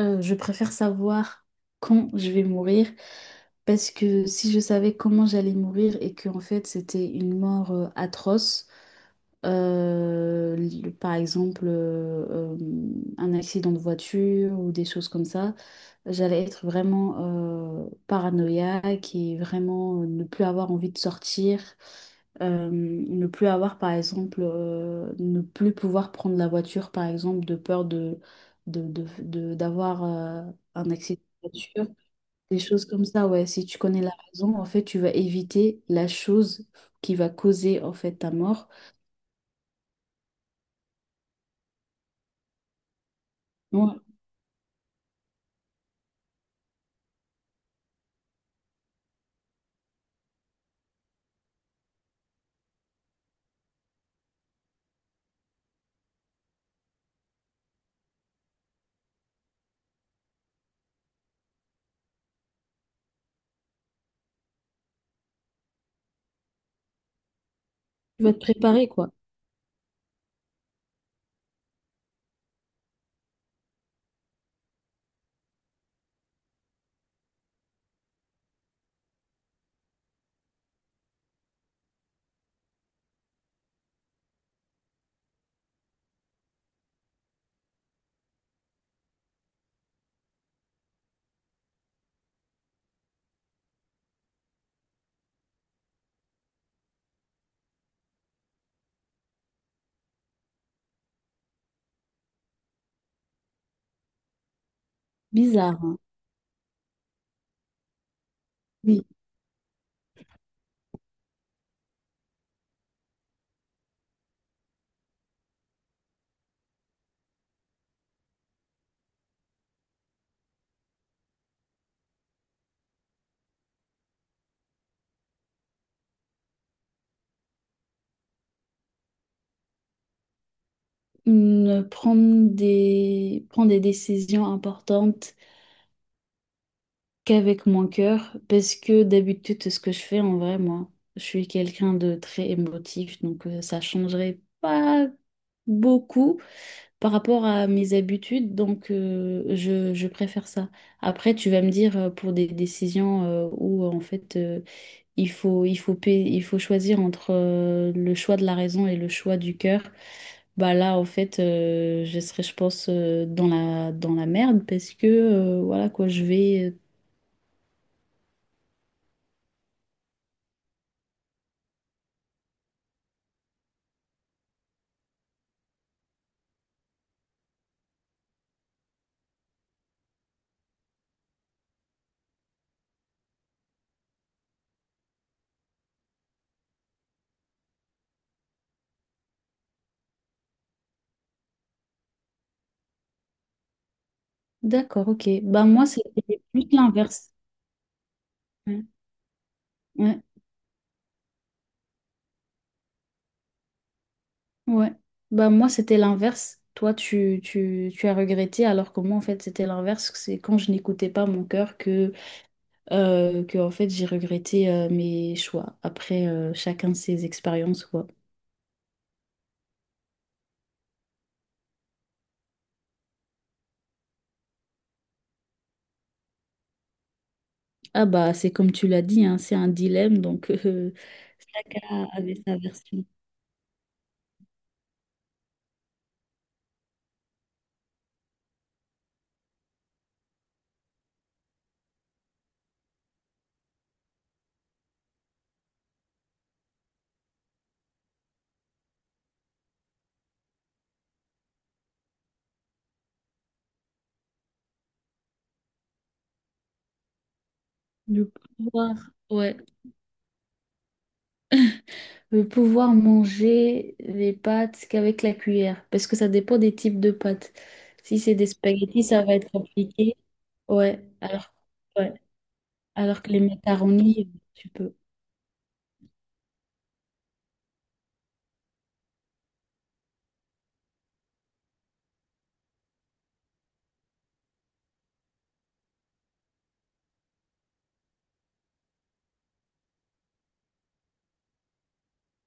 Je préfère savoir quand je vais mourir parce que si je savais comment j'allais mourir et que en fait c'était une mort atroce, par exemple euh, un accident de voiture ou des choses comme ça, j'allais être vraiment paranoïaque et vraiment ne plus avoir envie de sortir, ne plus avoir par exemple, ne plus pouvoir prendre la voiture par exemple de peur de d'avoir un accident de voiture, des choses comme ça, ouais. Si tu connais la raison, en fait, tu vas éviter la chose qui va causer, en fait, ta mort. Ouais, tu vas te préparer, quoi. Bizarre, hein. Oui. Prendre des décisions importantes qu'avec mon cœur, parce que d'habitude, ce que je fais en vrai, moi, je suis quelqu'un de très émotif, donc ça changerait pas beaucoup par rapport à mes habitudes, donc je préfère ça. Après, tu vas me dire pour des décisions où en fait il faut choisir entre le choix de la raison et le choix du cœur, bah là en fait je pense dans la merde parce que voilà quoi, je vais D'accord, ok. Bah moi, c'était plus l'inverse. Ouais, ouais. Ouais. Bah moi, c'était l'inverse. Toi, tu as regretté, alors que moi, en fait, c'était l'inverse. C'est quand je n'écoutais pas mon cœur que en fait, j'ai regretté mes choix. Après, chacun ses expériences, quoi. Ah bah, c'est comme tu l'as dit, hein, c'est un dilemme, donc chacun avait sa version du pouvoir. Ouais. Je vais pouvoir manger les pâtes qu'avec la cuillère, parce que ça dépend des types de pâtes. Si c'est des spaghettis, ça va être compliqué. Ouais, alors, ouais. Alors que les macaronis, tu peux.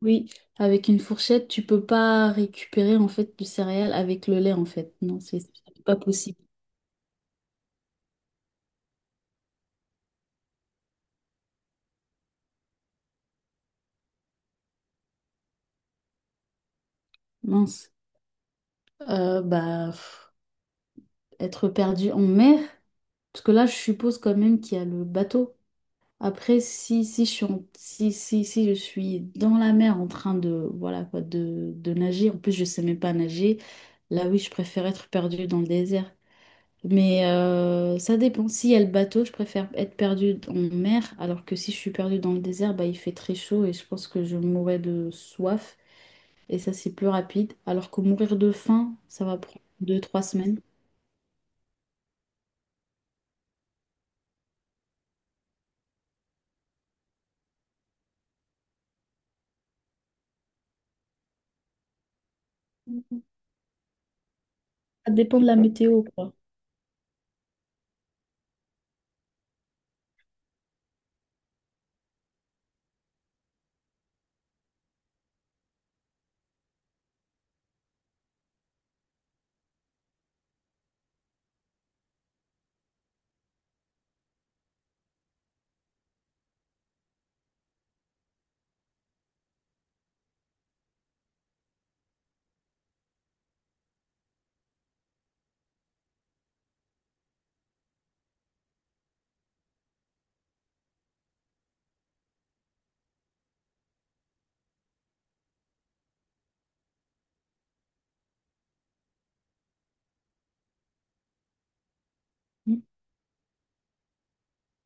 Oui, avec une fourchette, tu peux pas récupérer en fait du céréales avec le lait en fait. Non, c'est pas possible. Mince. Pff, être perdu en mer, parce que là, je suppose quand même qu'il y a le bateau. Après, si, si, je suis si je suis dans la mer en train de, voilà, quoi, de nager, en plus je ne sais même pas nager, là oui, je préfère être perdue dans le désert. Mais ça dépend. S'il y a le bateau, je préfère être perdue en mer, alors que si je suis perdue dans le désert, bah, il fait très chaud et je pense que je mourrais de soif. Et ça, c'est plus rapide. Alors que mourir de faim, ça va prendre deux, trois semaines. Ça dépend de la météo, quoi.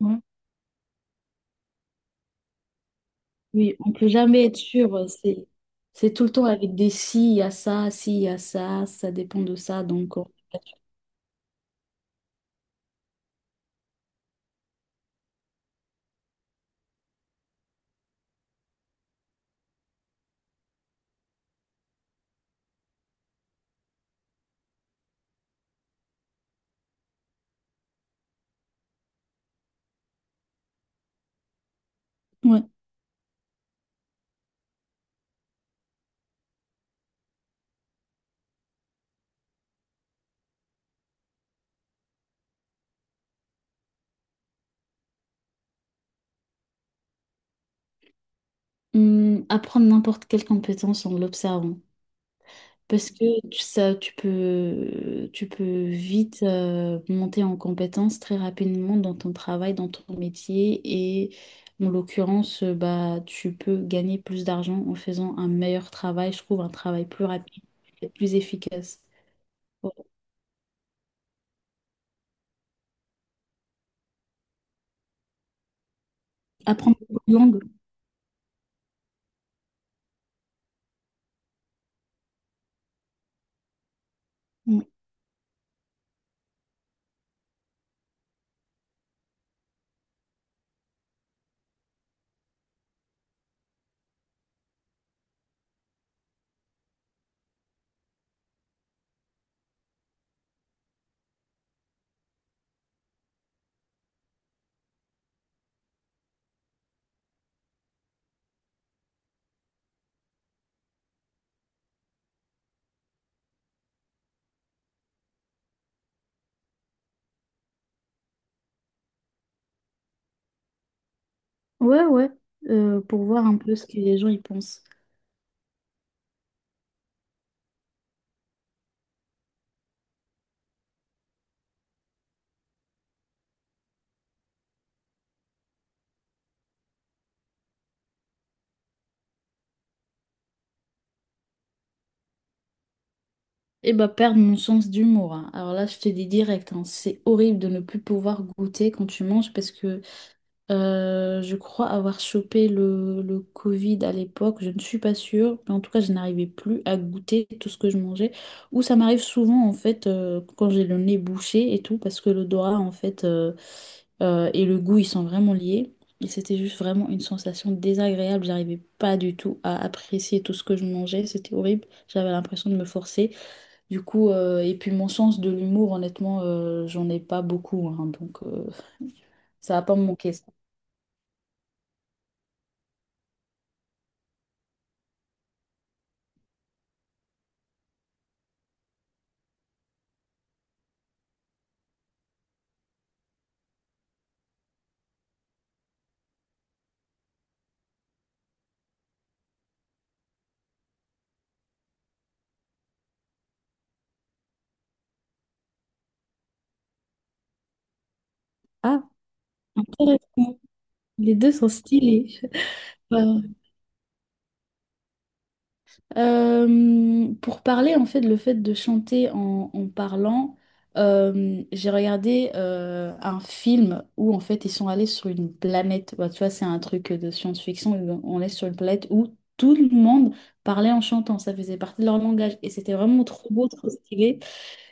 Mm. Oui, on peut jamais être sûr. C'est tout le temps avec des si, il y a ça, si, il y a ça, ça dépend de ça. Donc, ouais. Apprendre n'importe quelle compétence en l'observant. Parce que tu peux vite monter en compétence très rapidement dans ton travail, dans ton métier. Et en l'occurrence, bah, tu peux gagner plus d'argent en faisant un meilleur travail, je trouve, un travail plus rapide et plus efficace. Ouais. Apprendre beaucoup de langues. Ouais, ouais, pour voir un peu ce que les gens y pensent. Et bah, perdre mon sens d'humour. Hein. Alors là, je te dis direct, hein, c'est horrible de ne plus pouvoir goûter quand tu manges parce que je crois avoir chopé le Covid à l'époque, je ne suis pas sûre, mais en tout cas, je n'arrivais plus à goûter tout ce que je mangeais. Ou ça m'arrive souvent, en fait, quand j'ai le nez bouché et tout, parce que l'odorat, en fait, et le goût, ils sont vraiment liés. Et c'était juste vraiment une sensation désagréable, j'arrivais pas du tout à apprécier tout ce que je mangeais, c'était horrible, j'avais l'impression de me forcer. Du coup, et puis mon sens de l'humour, honnêtement, j'en ai pas beaucoup, hein, donc ça va pas me manquer. Ça. Intéressant. Les deux sont stylés. Ouais, ouais. Pour parler en fait le fait de chanter en parlant, j'ai regardé un film où en fait ils sont allés sur une planète. Bah, tu vois, c'est un truc de science-fiction. On est sur une planète où tout le monde parlait en chantant. Ça faisait partie de leur langage et c'était vraiment trop beau, trop stylé.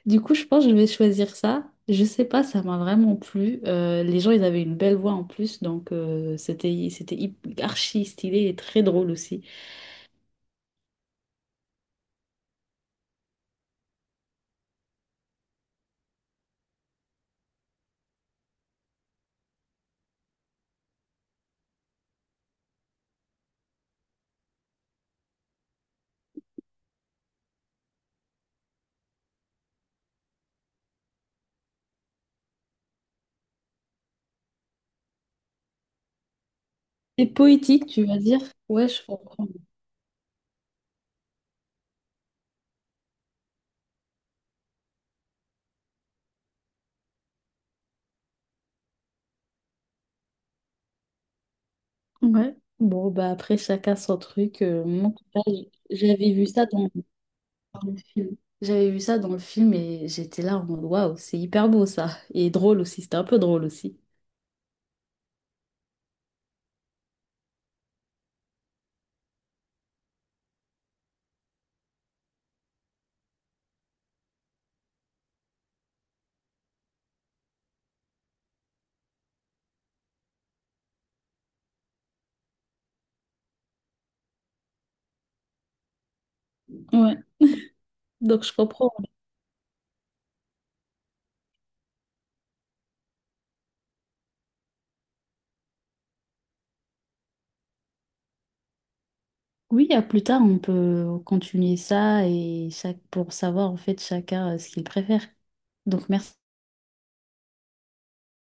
Du coup, je pense que je vais choisir ça. Je sais pas, ça m'a vraiment plu. Les gens, ils avaient une belle voix en plus, donc c'était archi stylé et très drôle aussi. C'est poétique, tu vas dire? Ouais, je comprends. Ouais. Bon, bah après, chacun son truc. Moi, en tout cas, j'avais vu ça dans, dans le film. J'avais vu ça dans le film et j'étais là en mode waouh, c'est hyper beau ça. Et drôle aussi, c'était un peu drôle aussi. Ouais. Donc je comprends. Oui, à plus tard, on peut continuer ça et chaque pour savoir en fait chacun ce qu'il préfère. Donc merci.